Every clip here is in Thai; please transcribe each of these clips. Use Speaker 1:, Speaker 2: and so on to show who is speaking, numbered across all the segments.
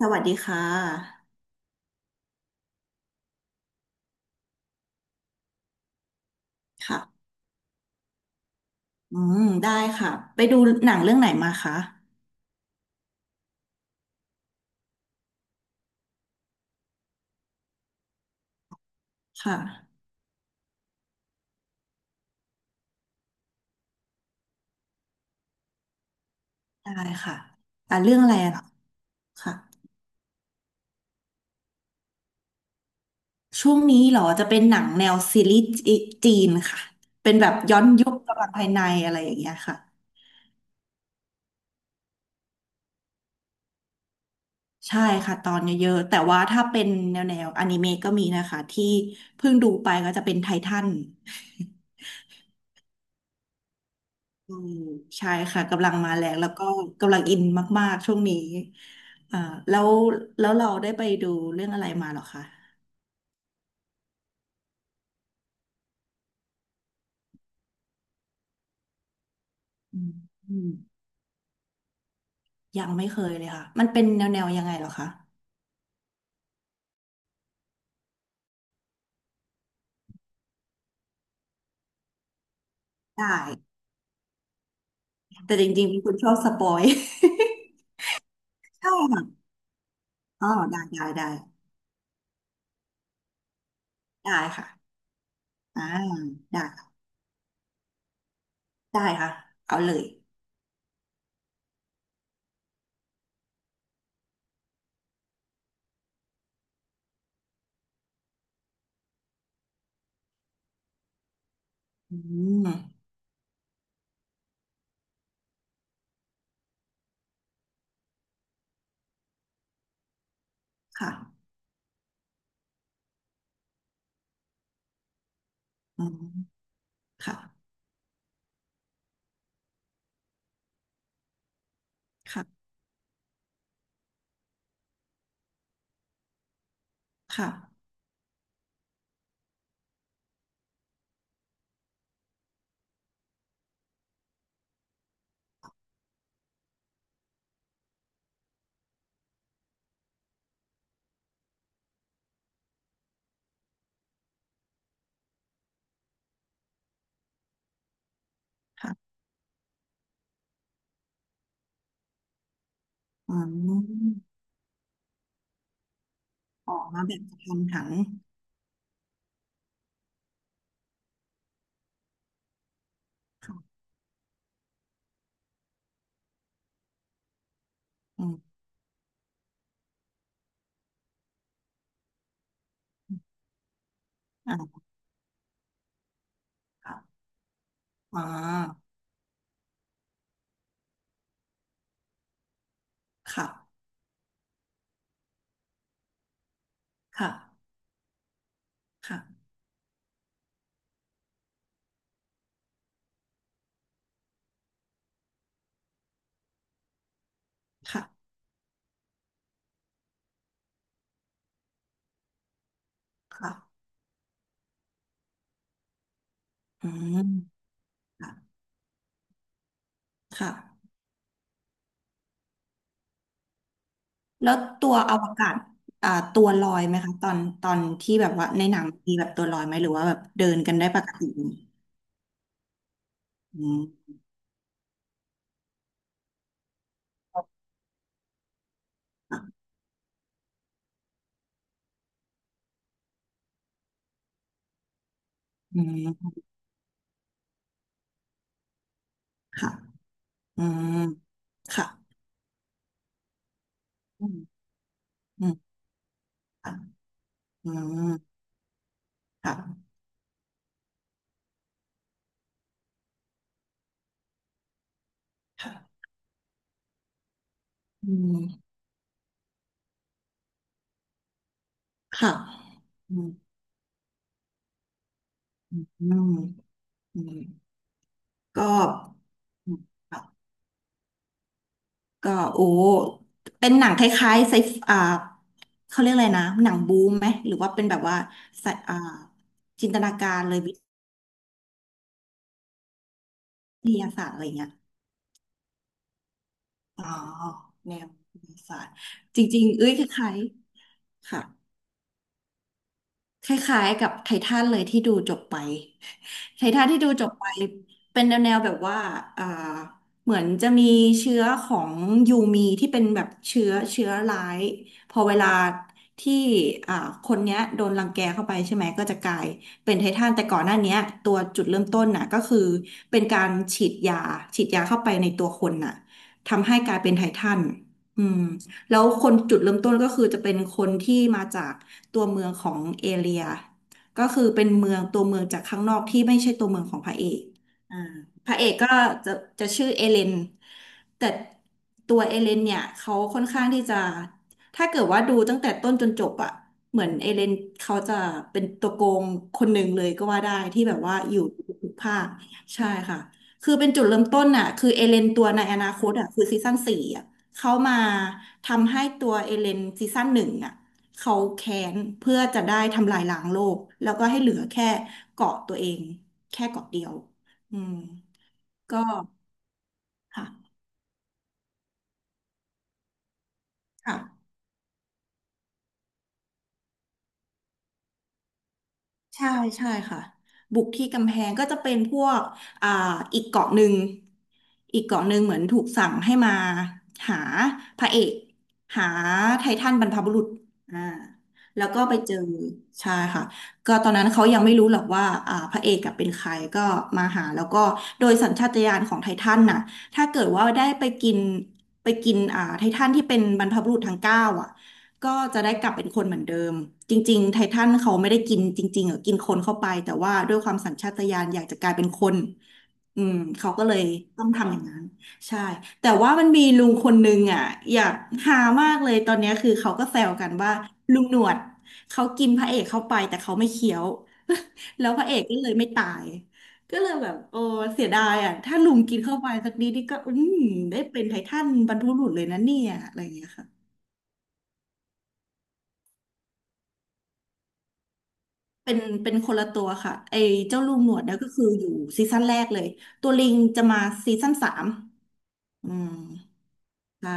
Speaker 1: สวัสดีค่ะค่ะอืมได้ค่ะ ไปดูหนังเรื่องไหนมาคะค่ะ ได้ค่ะอ่าเรื่องอะไรอะเหรอค่ะช่วงนี้เหรอจะเป็นหนังแนวซีรีส์จีนค่ะ เป็นแบบย้อนยุคประวัติภายในอะไรอย่างเงี้ยค่ะ ใช่ค่ะตอนเยอะๆ แต่ว่าถ้าเป็นแนวอนิเมะก็มีนะคะที่เพิ่งดูไปก็จะเป็นไททัน อืมใช่ค่ะกำลังมาแรงแล้วก็กำลังอินมากๆช่วงนี้อ่าแล้วแล้วเราได้ไปดูเรื่องอะไรมาเหรอคะอืมอืมยังไม่เคยเลยค่ะมันเป็นแนวยังไงเหรอคะได้แต่จริงๆเป็นคนชอบสปอย ใช่ค่ะอ๋อได้ได้ได้ได้ค่ะอ่าได้ค่ะได้ค่ะเอาเลยอืมค่ะอืมค่ะค่ะค่ะค่ะอืมออกมาแบบกระทันหันค่ะอืม อ่าค่ะอ่าค่ะค่ะค่ะค่ะค่ะอืมค่ะค่ะแล้วตัวอวกาศอ่าตัวลอยไหมคะตอนตอนที่แบบว่าในหนังมีแบบตัวลอยไหมหรือว่าแบบเดินกันได้ปกติอืมค่ะอืมค่ะอืมค่ะอืมอืมค่ะอืมค่ะค่ะอืมค่ะอืมอืมอืมก็ ก็โอ้เป็นหนังคล้ายๆไซฟอ่าเขาเรียกอะไรนะ หนังบูมไหม หรือว่าเป็นแบบว่าไซอ่าจินตนาการเลยวิทยาศาสตร์อะไรเงี้ยอ๋อ แนววิทยาศาสตร์จริงๆเอ้ยคล้ายๆค่ะ คล้ายๆกับไททันเลยที่ดูจบไป ไททันที่ดูจบไปเป็นแนวแบบว่าอ่าเหมือนจะมีเชื้อของยูมีที่เป็นแบบเชื้อร้ายพอเวลาที่อ่าคนเนี้ยโดนรังแกเข้าไปใช่ไหมก็จะกลายเป็นไททันแต่ก่อนหน้าเนี้ยตัวจุดเริ่มต้นน่ะก็คือเป็นการฉีดยาเข้าไปในตัวคนน่ะทำให้กลายเป็นไททันอืม แล้วคนจุดเริ่มต้นก็คือจะเป็นคนที่มาจากตัวเมืองของเอเรียก็คือเป็นเมืองตัวเมืองจากข้างนอกที่ไม่ใช่ตัวเมืองของพระเอกอ่าพระเอกก็จะจะชื่อเอเลนแต่ตัวเอเลนเนี่ยเขาค่อนข้างที่จะถ้าเกิดว่าดูตั้งแต่ต้นจนจบอะเหมือนเอเลนเขาจะเป็นตัวโกงคนหนึ่งเลยก็ว่าได้ที่แบบว่าอยู่ทุกภาคใช่ค่ะคือเป็นจุดเริ่มต้นน่ะคือเอเลนตัวในอนาคตอ่ะคือซีซั่นสี่อ่ะ เขามาทำให้ตัวเอเลนซีซั่นหนึ่งอ่ะเขาแค้นเพื่อจะได้ทำลายล้างโลกแล้วก็ให้เหลือแค่เกาะตัวเองแค่เกาะเดียวอืมก็ค่ะค่ะ ใช่ใช่ค่ะบุกที่กำแพงก็จะเป็นพวกอ่าอีกเกาะหนึ่งอีกเกาะหนึ่งเหมือนถูกสั่งให้มาหาพระเอกหาไททันบรรพบุรุษอ่าแล้วก็ไปเจอใช่ค่ะก็ตอนนั้นเขายังไม่รู้หรอกว่าอ่าพระเอกกับเป็นใครก็มาหาแล้วก็โดยสัญชาตญาณของไททันน่ะถ้าเกิดว่าได้ไปกินอ่าไททันที่เป็นบรรพบุรุษทั้งเก้าอ่ะ ก็จะได้กลับเป็นคนเหมือนเดิมจริงๆไททันเขาไม่ได้กินจริงๆหรอกินคนเข้าไปแต่ว่าด้วยความสัญชาตญาณอยากจะกลายเป็นคนอืมเขาก็เลยต้องทำอย่างนั้นใช่แต่ว่ามันมีลุงคนนึงอ่ะอยากหามากเลยตอนเนี้ยคือเขาก็แซวกันว่าลุงหนวดเขากินพระเอกเข้าไปแต่เขาไม่เคี้ยว แล้วพระเอกก็เลยไม่ตายก็เลยแบบโอ้เสียดายอ่ะถ้าลุงกินเข้าไปสักนิดนี่ก็อืมได้เป็นไททันบรรพบุรุษเลยนะเนี่ยอะไรอย่างเงี้ยค่ะ เป็นเป็นคนละตัวค่ะไอ้เจ้าลูกหนวดเนี่ยก็คืออยู่ซีซั่นแรกเลยตัวลิงจะมาซีซั่นสามอืมใช่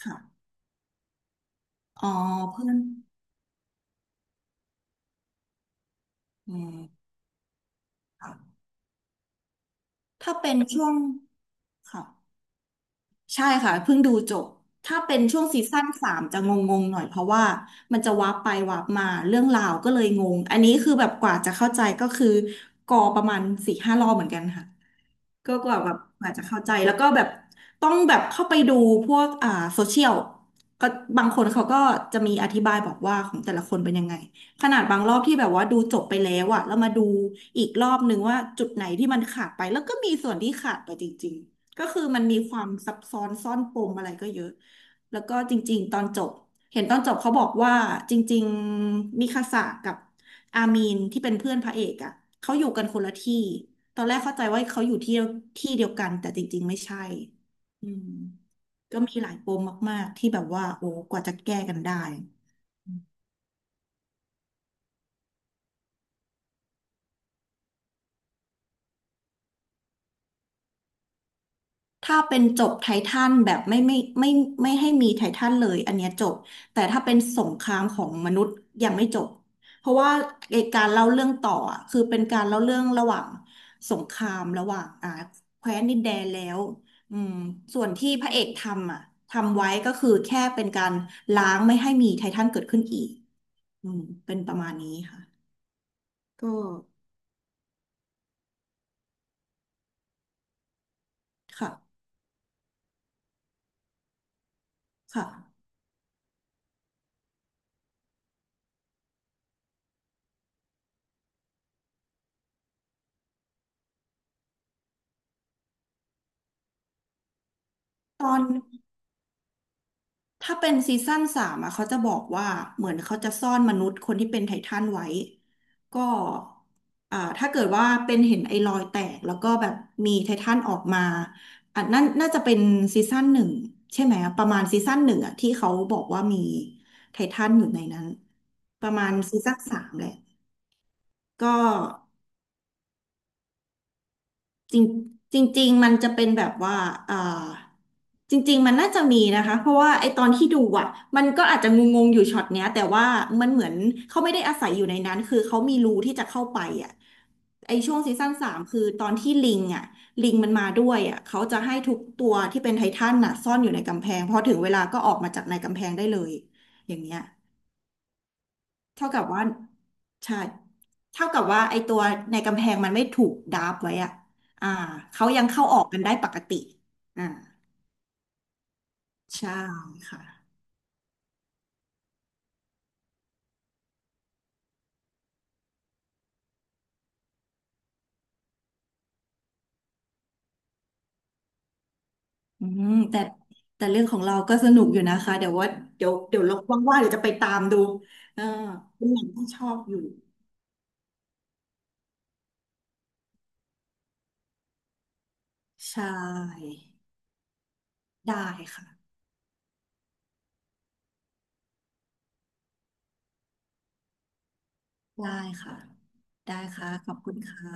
Speaker 1: ค่ะอ๋อเพื่อนอืมค่ะถ้าเป็นช่วงค่ะใช่ค่ะเพิ่งดูจบถ้าเป็นช่วงซีซั่นสามจะงงๆหน่อยเพราะว่ามันจะวาร์ปไปวาร์ปมาเรื่องราวก็เลยงงอันนี้คือแบบกว่าจะเข้าใจก็คือกอประมาณสี่ห้ารอบเหมือนกันค่ะ ก็กว่าแบบอาจจะเข้าใจแล้วก็แบบต้องแบบเข้าไปดูพวกอ่าโซเชียลก็บางคนเขาก็จะมีอธิบายบอกว่าของแต่ละคนเป็นยังไงขนาดบางรอบที่แบบว่าดูจบไปแล้วอะแล้วมาดูอีกรอบนึงว่าจุดไหนที่มันขาดไปแล้วก็มีส่วนที่ขาดไปจริงๆก็คือมันมีความซับซ้อนซ่อนปมอะไรก็เยอะแล้วก็จริงๆตอนจบเห็นตอนจบเขาบอกว่าจริงๆมิคาสะกับอามีนที่เป็นเพื่อนพระเอกอะเขาอยู่กันคนละที่ ตอนแรกเข้าใจว่าเขาอยู่ที่ที่เดียวกันแต่จริงๆไม่ใช่อืมก็มีหลายปมมากๆที่แบบว่าโอ้กว่าจะแก้กันได้ ถ้าเป็นจบไททันแบบไม่ไม่ให้มีไททันเลยอันเนี้ยจบแต่ถ้าเป็นสงครามของมนุษย์ยังไม่จบเพราะว่าไอ้การเล่าเรื่องต่ออะคือเป็นการเล่าเรื่องระหว่างสงครามระหว่างแคว้นดินแดนแล้วอืมส่วนที่พระเอกทำอ่ะทำไว้ก็คือแค่เป็นการล้างไม่ให้มีไททันเกิดขึ้นอีกอืมเป็นประมาณนี้ค่ะก็ค่ะค่ะตอน ถ้าเป็นซีซั่นสามอะเขาจะบอกว่าเหมือนเขาจะซ่อนมนุษย์คนที่เป็นไททันไว้ก็ถ้าเกิดว่าเป็นเห็นไอ้รอยแตกแล้วก็แบบมีไททันออกมาอันนั้นน่าจะเป็นซีซั่นหนึ่งใช่ไหมอะประมาณซีซั่นหนึ่งอะที่เขาบอกว่ามีไททันอยู่ในนั้นประมาณซีซั่นสามแหละก็ จริงจริงๆมันจะเป็นแบบว่าอ่าจริงๆมันน่าจะมีนะคะเพราะว่าไอตอนที่ดูอ่ะมันก็อาจจะงงๆอยู่ช็อตเนี้ยแต่ว่ามันเหมือนเขาไม่ได้อาศัยอยู่ในนั้นคือเขามีรูที่จะเข้าไปอ่ะไอช่วงซีซั่นสามคือตอนที่ลิงอ่ะลิงมันมาด้วยอ่ะเขาจะให้ทุกตัวที่เป็นไททันน่ะซ่อนอยู่ในกำแพงพอถึงเวลาก็ออกมาจากในกำแพงได้เลยอย่างเงี้ย เท่ากับว่าใช่เท่ากับว่าไอตัวในกำแพงมันไม่ถูกดาบไว้อะอ่าเขายังเข้าออกกันได้ปกติอ่าใช่ค่ะอืมแต่เรื่องของเราก็สนุกอยู่นะคะเดี๋ยวว่าเดี๋ยวลองว่างๆเดี๋ยวจะไปตามดูเออเป็นหนังที่ชอบอยู่ใช่ได้ค่ะได้ค่ะได้ค่ะขอบคุณค่ะ